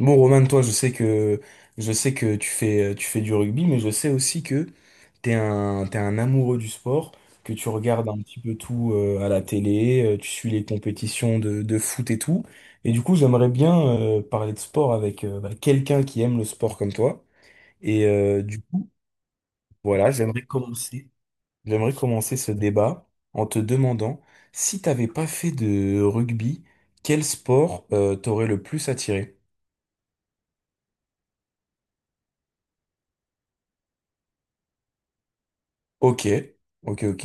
Bon, Roman, toi, je sais que tu fais du rugby, mais je sais aussi que t'es un amoureux du sport, que tu regardes un petit peu tout à la télé, tu suis les compétitions de foot et tout. Et du coup, j'aimerais bien parler de sport avec bah, quelqu'un qui aime le sport comme toi. Et du coup, voilà, j'aimerais commencer ce débat en te demandant si t'avais pas fait de rugby, quel sport t'aurait le plus attiré? Ok, ok, ok.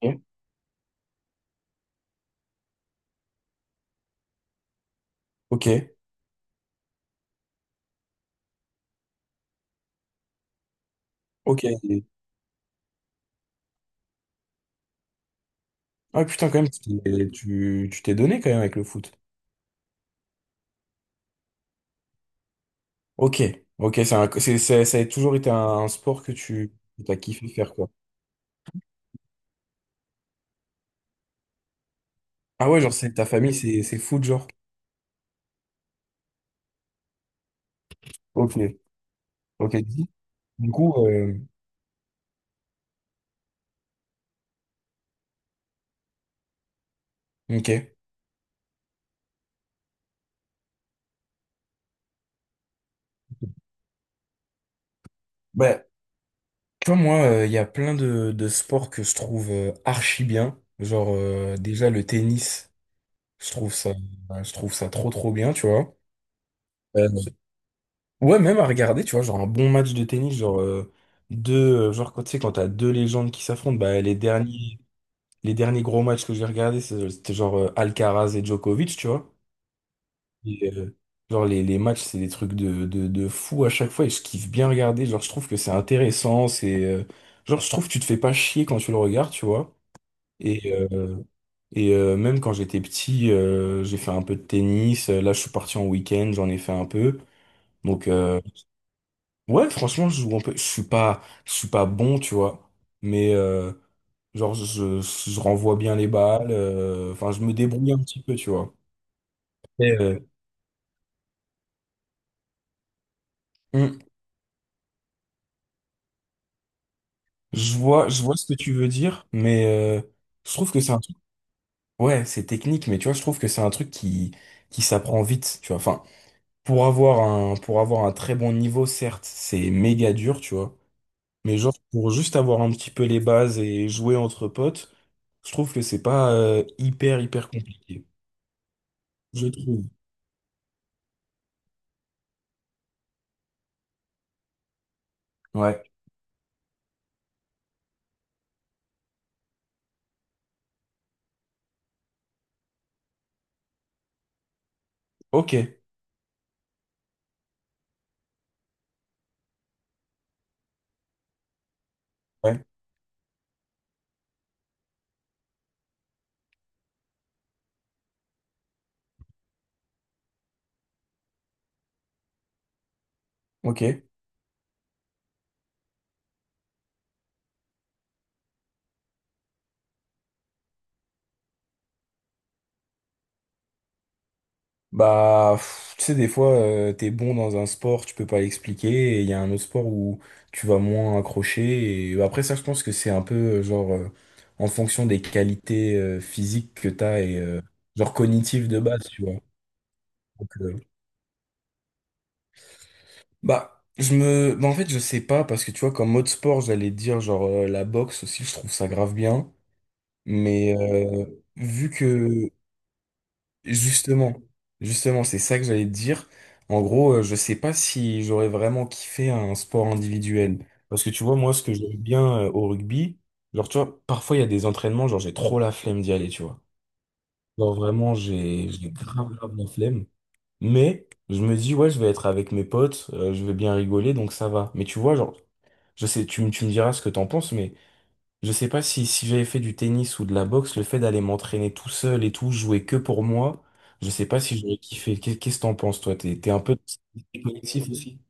Ok, ok. Ok. Ah putain, quand même, tu t'es donné quand même avec le foot. Ok, ok, c'est un- c'est- ça a toujours été un sport que tu as kiffé faire, quoi. Ah ouais, genre, c'est ta famille, c'est foot, genre. Ok, ok. Du coup, ok. Bah, tu vois, moi, il y a plein de sports que je trouve archi bien. Genre, déjà, le tennis, je trouve ça, je trouve ça trop, trop bien, tu vois. Euh, Ouais, même à regarder, tu vois, genre un bon match de tennis, genre genre quand t'as deux légendes qui s'affrontent, bah les derniers gros matchs que j'ai regardés, c'était genre Alcaraz et Djokovic, tu vois. Et, genre les matchs, c'est des trucs de fou à chaque fois et je kiffe bien regarder, genre je trouve que c'est intéressant, c'est genre je trouve que tu te fais pas chier quand tu le regardes, tu vois. Et, euh, et, même quand j'étais petit, j'ai fait un peu de tennis, là je suis parti en week-end, j'en ai fait un peu. Donc, ouais, franchement, je joue un peu. Je suis pas bon, tu vois. Mais genre, je renvoie bien les balles. Enfin, je me débrouille un petit peu, tu vois. Mais, hum, je vois ce que tu veux dire, mais je trouve que c'est un truc. Ouais, c'est technique, mais tu vois, je trouve que c'est un truc qui s'apprend vite, tu vois. Enfin, pour avoir un très bon niveau, certes, c'est méga dur, tu vois. Mais genre, pour juste avoir un petit peu les bases et jouer entre potes, je trouve que c'est pas hyper, hyper compliqué. Je trouve. Ouais, ok, ouais, ok. Bah, pff, tu sais, des fois, t'es bon dans un sport, tu peux pas l'expliquer, et il y a un autre sport où tu vas moins accrocher, et bah, après ça, je pense que c'est un peu, genre, en fonction des qualités physiques que t'as, et genre cognitives de base, tu vois. Donc, bah, je me... Bah, en fait, je sais pas, parce que tu vois, comme mode sport, j'allais dire, genre, la boxe aussi, je trouve ça grave bien, mais vu que... Justement, justement, c'est ça que j'allais te dire. En gros, je sais pas si j'aurais vraiment kiffé un sport individuel. Parce que tu vois, moi, ce que j'aime bien au rugby, genre, tu vois, parfois il y a des entraînements, genre, j'ai trop la flemme d'y aller, tu vois. Genre, vraiment, j'ai grave, grave la flemme. Mais je me dis, ouais, je vais être avec mes potes, je vais bien rigoler, donc ça va. Mais tu vois, genre, je sais, tu me diras ce que t'en penses, mais je sais pas si, j'avais fait du tennis ou de la boxe, le fait d'aller m'entraîner tout seul et tout, jouer que pour moi, je sais pas si j'aurais kiffé. Qu'est- Qu'est-ce que t'en penses, toi? T'es un peu collectif aussi?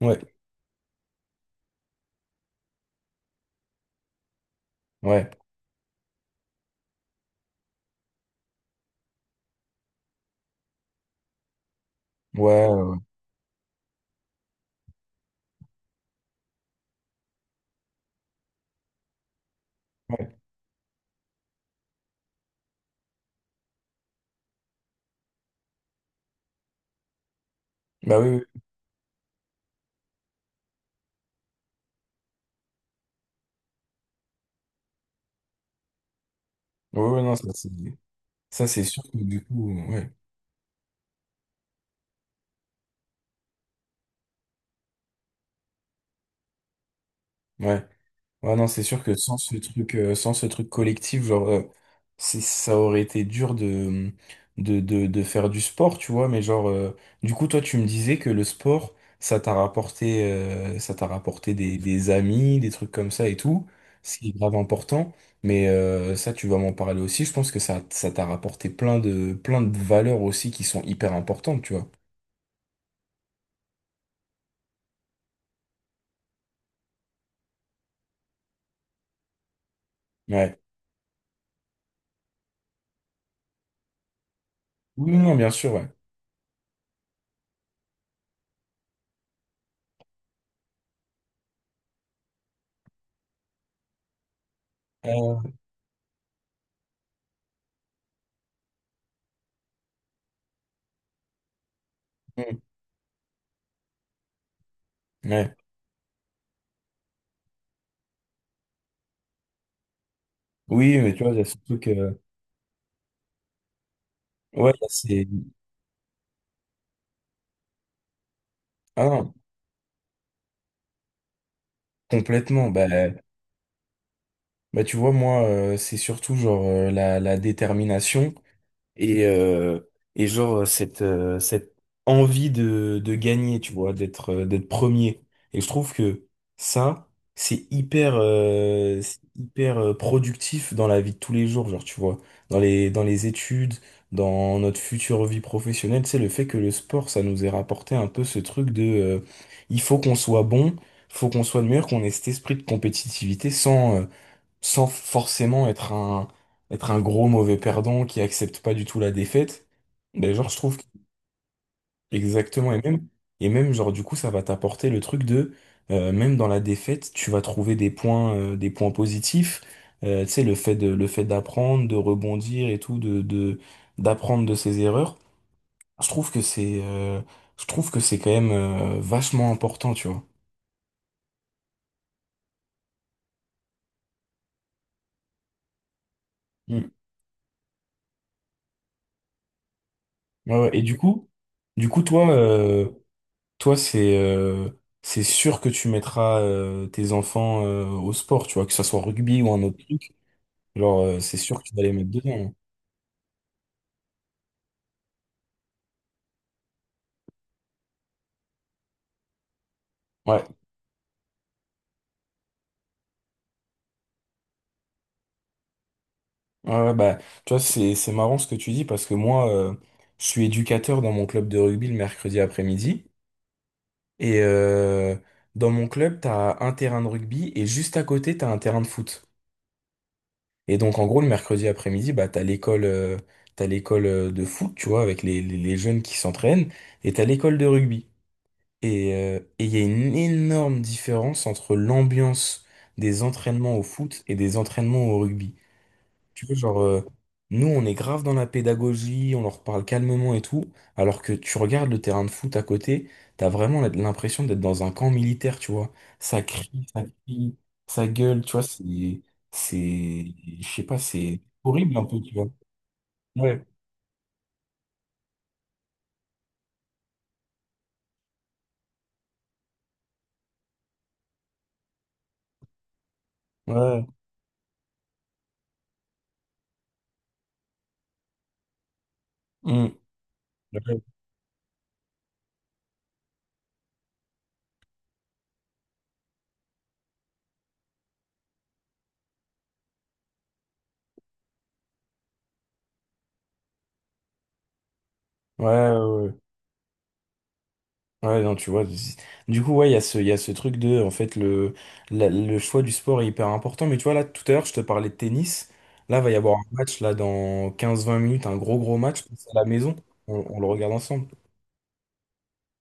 Ouais, ouais, ouais, ouais, ouais. Bah oui, oui. Ouais, ouais, non, ça, c'est sûr que du coup, ouais, ouais. Ouais, non, c'est sûr que sans ce truc collectif, genre, c'est, ça aurait été dur de, de faire du sport, tu vois, mais genre, du coup, toi, tu me disais que le sport, ça t'a rapporté des amis, des trucs comme ça et tout, ce qui est grave important, mais ça, tu vas m'en parler aussi, je pense que ça t'a rapporté plein de valeurs aussi qui sont hyper importantes, tu vois. Ouais. Oui, non, bien sûr, ouais. Euh, mm, ouais. Oui, mais tu vois, il y a ce truc, ouais, il y a ces- Ah, complètement. Bah, tu vois, moi, c'est surtout genre la détermination. Et, euh, et genre, cette envie de gagner, tu vois, d'être premier. Et je trouve que ça, c'est hyper productif dans la vie de tous les jours, genre, tu vois, dans les études, dans notre future vie professionnelle, c'est le fait que le sport, ça nous ait rapporté un peu ce truc de, il faut qu'on soit bon, faut qu'on soit le meilleur, qu'on ait cet esprit de compétitivité sans, sans forcément être un gros mauvais perdant qui accepte pas du tout la défaite. Ben, genre, exactement, et même, genre, du coup, ça va t'apporter le truc de, même dans la défaite, tu vas trouver des points positifs. Tu sais, le fait de, le fait d'apprendre, de rebondir et tout, d'apprendre de ses erreurs. Je trouve que c'est, je trouve que c'est quand même, vachement important, tu vois. Mm. Ouais, ouais. Et du coup, toi, c'est sûr que tu mettras tes enfants au sport, tu vois, que ça soit rugby ou un autre truc. Genre, c'est sûr que tu vas les mettre dedans, hein. Ouais, ouais, ouais, bah, tu vois, c'est marrant ce que tu dis parce que moi, je suis éducateur dans mon club de rugby le mercredi après-midi. Et dans mon club, t'as un terrain de rugby et juste à côté, t'as un terrain de foot. Et donc, en gros, le mercredi après-midi, bah, t'as l'école de foot, tu vois, avec les, les jeunes qui s'entraînent, et t'as l'école de rugby. Et il y a une énorme différence entre l'ambiance des entraînements au foot et des entraînements au rugby. Tu vois, genre, nous, on est grave dans la pédagogie, on leur parle calmement et tout, alors que tu regardes le terrain de foot à côté, t'as vraiment l'impression d'être dans un camp militaire, tu vois. Ça crie, ça crie, ça gueule, tu vois, c'est, je sais pas, c'est horrible un peu, tu vois. Ouais, ouais. Ouais. Mm. Ouais, ouais, ouais. Ouais, non, tu vois. Du coup, ouais, il y a ce, truc de, en fait, le, le choix du sport est hyper important. Mais tu vois, là, tout à l'heure, je te parlais de tennis. Là, va y avoir un match, là, dans 15-20 minutes, un gros, gros match. C'est à la maison. On le regarde ensemble.